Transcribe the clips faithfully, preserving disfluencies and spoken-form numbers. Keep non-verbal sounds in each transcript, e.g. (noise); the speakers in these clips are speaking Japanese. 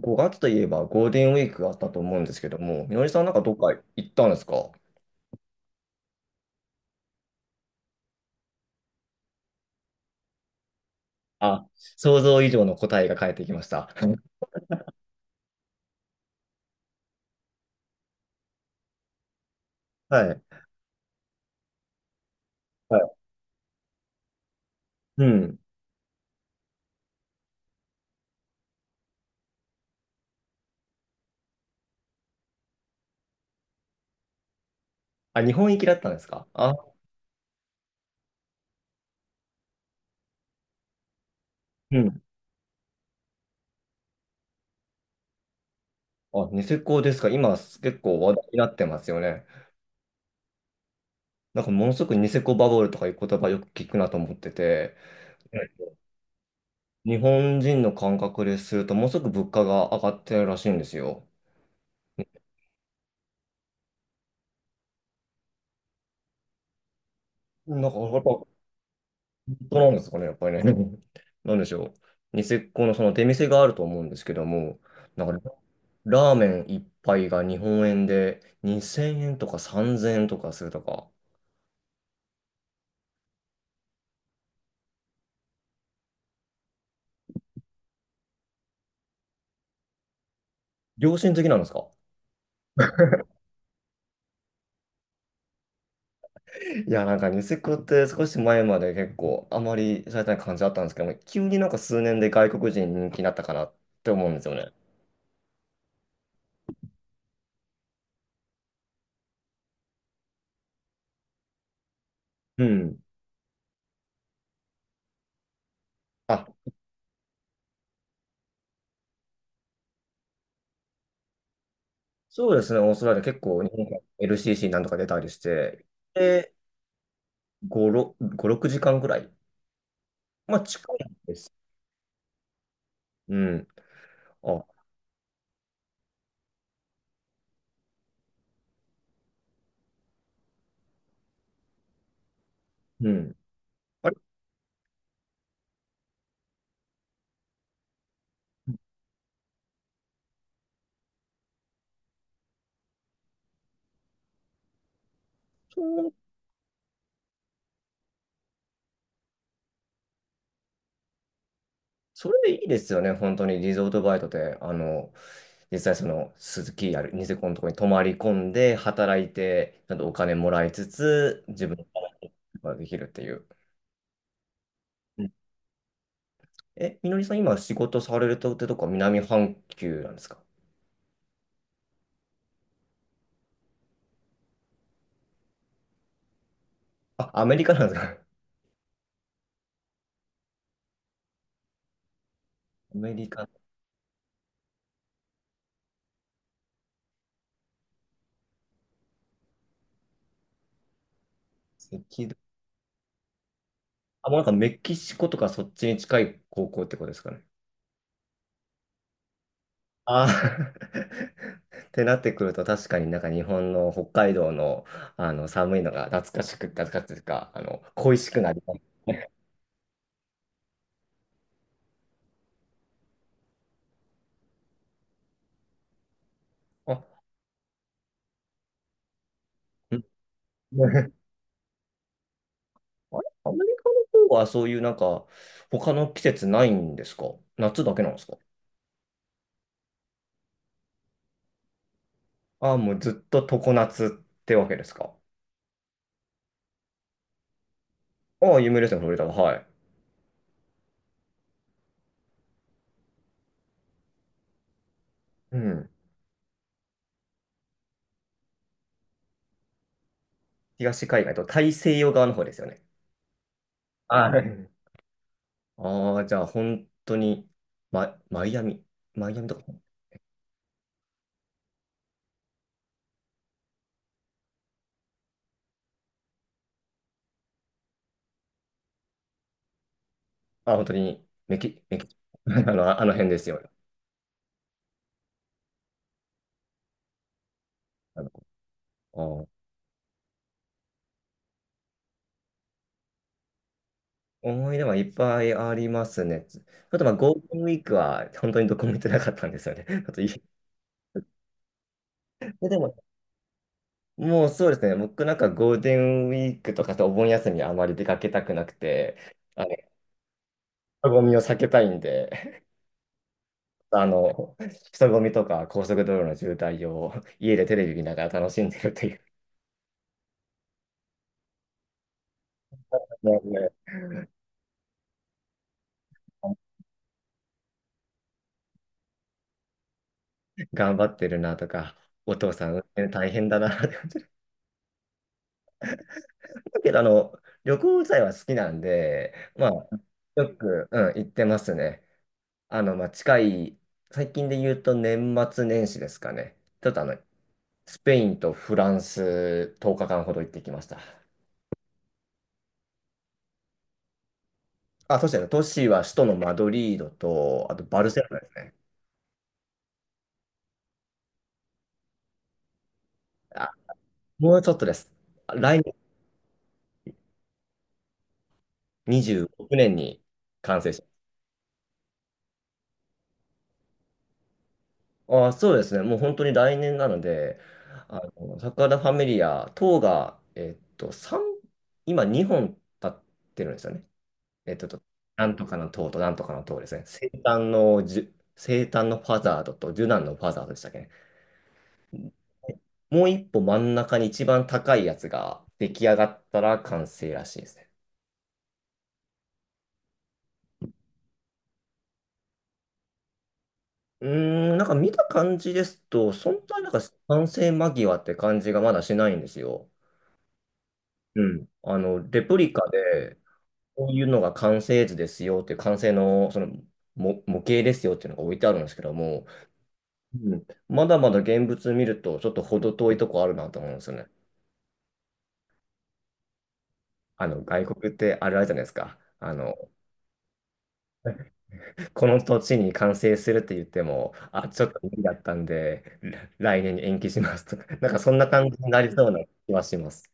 ごがつといえばゴールデンウィークがあったと思うんですけども、みのりさんなんかどっか行ったんですかあ？想像以上の答えが返ってきました。(laughs) はい。はい。うん。あ、日本行きだったんですかあ？うん。あ、ニセコですか。今結構話題になってますよね。なんかものすごくニセコバブルとかいう言葉よく聞くなと思ってて、はい、日本人の感覚ですると、ものすごく物価が上がってるらしいんですよ。なんかやっぱ当なんですかね、やっぱりね。(laughs) なんでしょう。ニセコのその出店があると思うんですけども、なんかラーメン一杯が日本円でにせんえんとかさんぜんえんとかするとか、良心的なんですか？いや、なんかニセコって少し前まで結構あまりされてない感じだったんですけども、急になんか数年で外国人に人気になったかなって思うんですよね。うん。あ、そうですね、オーストラリア結構日本から エルシーシー なんとか出たりして、で、ご、ろく、ご、ろくじかんぐらい。まあ近いんです。うん。あ、うん。あれ、そう、それでいいですよね、本当に。リゾートバイトで、あの、実際その、鈴木あるニセコのところに泊まり込んで、働いて、ちゃんとお金もらいつつ、自分のことができるっていう。うん。え、みのりさん、今仕事されるとってとこは南半球なんですか？あ、アメリカなんですか？アメリカ、赤道。あ、もうなんかメキシコとかそっちに近い高校ってことですかね。あー (laughs) ってなってくると確かになんか日本の北海道の、あの寒いのが懐かしく、懐かしいというか、あの恋しくなりますね。(laughs) あ、うん。 (laughs) あれ、アメリカの方はそういうなんか他の季節ないんですか？夏だけなんですか？ああ、もうずっと常夏ってわけですか？ああ、有名ですね、フロリダは。はい。うん。東海岸と大西洋側の方ですよね。はい。ああ、じゃあ本当に、ママイアミ。マイアミとか。あ、本当にメキ、メキ、(laughs) あの、あの辺ですよ。あの、うん、思い出はいっぱいありますね。ちょっとまあゴールデンウィークは本当にどこも行ってなかったんですよね。(laughs) あとい (laughs) で、でも、もうそうですね。僕なんかゴールデンウィークとかとお盆休みあまり出かけたくなくて、あの、人混みを避けたいんで、(laughs) あの、人混みとか高速道路の渋滞を (laughs) 家でテレビ見ながら楽しんでるという、(laughs) ねね、頑張ってるなとか、お父さん運転大変だなっ。だけど、あの、旅行自体は好きなんで、まあ、よく、うん、行ってますね。あの、まあ、近い、最近で言うと年末年始ですかね。ちょっとあの、スペインとフランスとおかかんほど行ってきました。あ、そうですね。都市は首都のマドリードと、あとバルセロナですね。あ、もうちょっとです。来年にじゅうろくねんに完成し。ああ、そうですね。もう本当に来年なので、あの、サグラダ・ファミリア等が、えっと、三今にほん立ってるんですよね。えっと、なんとかの塔となんとかの塔ですね。生誕のじゅ、生誕のファザードとジュナンのファザードでしたっけね。もう一歩真ん中に一番高いやつが出来上がったら完成らしいですね。うーん、なんか見た感じですと、そんなになんか完成間際って感じがまだしないんですよ。うん。あの、レプリカで、こういうのが完成図ですよっていう、完成のその模、模型ですよっていうのが置いてあるんですけども、うん、まだまだ現物見ると、ちょっと程遠いとこあるなと思うんですよね。あの、外国ってあれあるじゃないですか。あの、この土地に完成するって言っても、あ、ちょっと無理だったんで、来来年に延期しますとか、(laughs) なんかそんな感じになりそうな気はします。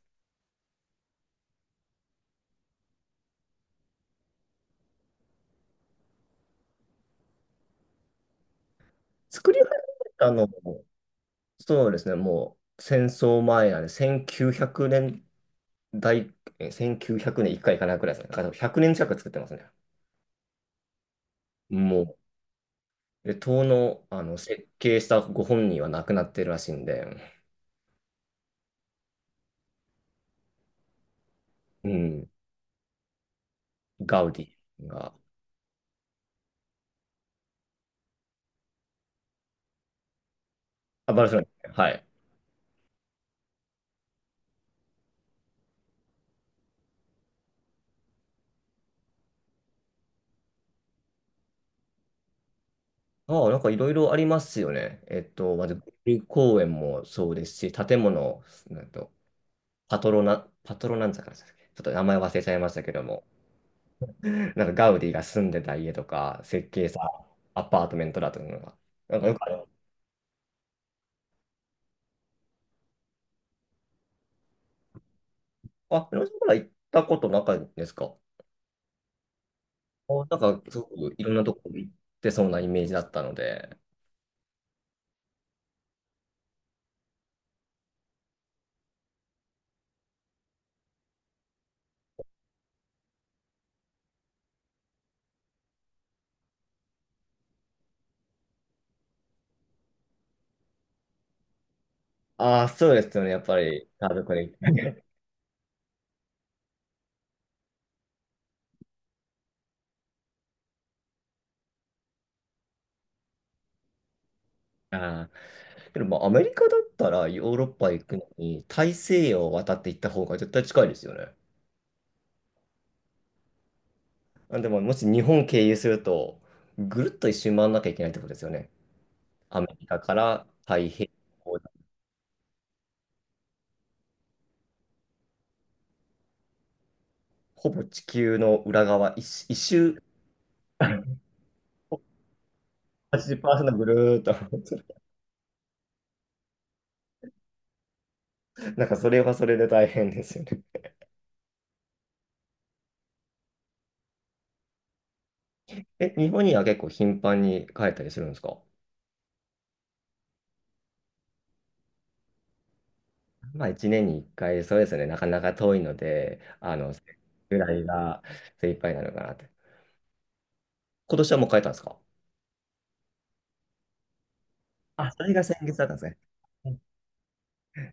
作り始めたのも、そうですね、もう戦争前なんで、せんきゅうひゃくねん大、えせんきゅうひゃくねん、いっかいいっかいいかないくらいですね。だからひゃくねん近く作ってますね。もう。で、塔の、あの設計したご本人は亡くなってるらしいんで、うん、ガウディが。あ、バルセロナ。はい。ああ、なんかいろいろありますよね。えっと、まず、ル公園もそうですし、建物、なんと、パトロナ、パトロなんちゃかでしたっけ、ちょっと名前忘れちゃいましたけども、なんかガウディが住んでた家とか、設計したアパートメントだというのが、なんかよくある。あ、皆さんから行ったことなかったですか？なんか、すごくいろんなとこ行ってそうなイメージだったので。ああ、そうですよね。やっぱり、家族で行って。ああ。けど、まあ、アメリカだったらヨーロッパ行くのに、大西洋を渡って行った方が絶対近いですよね。あ、でも、もし日本経由すると、ぐるっと一周回らなきゃいけないってことですよね。アメリカから太平洋、ほぼ地球の裏側、一周、一周はちじゅっパーセントぐるーっと回ってる。なんか、それはそれで大変ですよね。え、日本には結構頻繁に帰ったりするんですか？まあいちねんにいっかい、そうですね、なかなか遠いので、あの、ぐらいが精一杯なのかなって。今年はもう帰ったんですか？あ、それが先月だったんですね。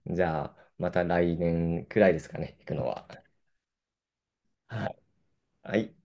じゃあ、また来年くらいですかね、行くのは。はい。はい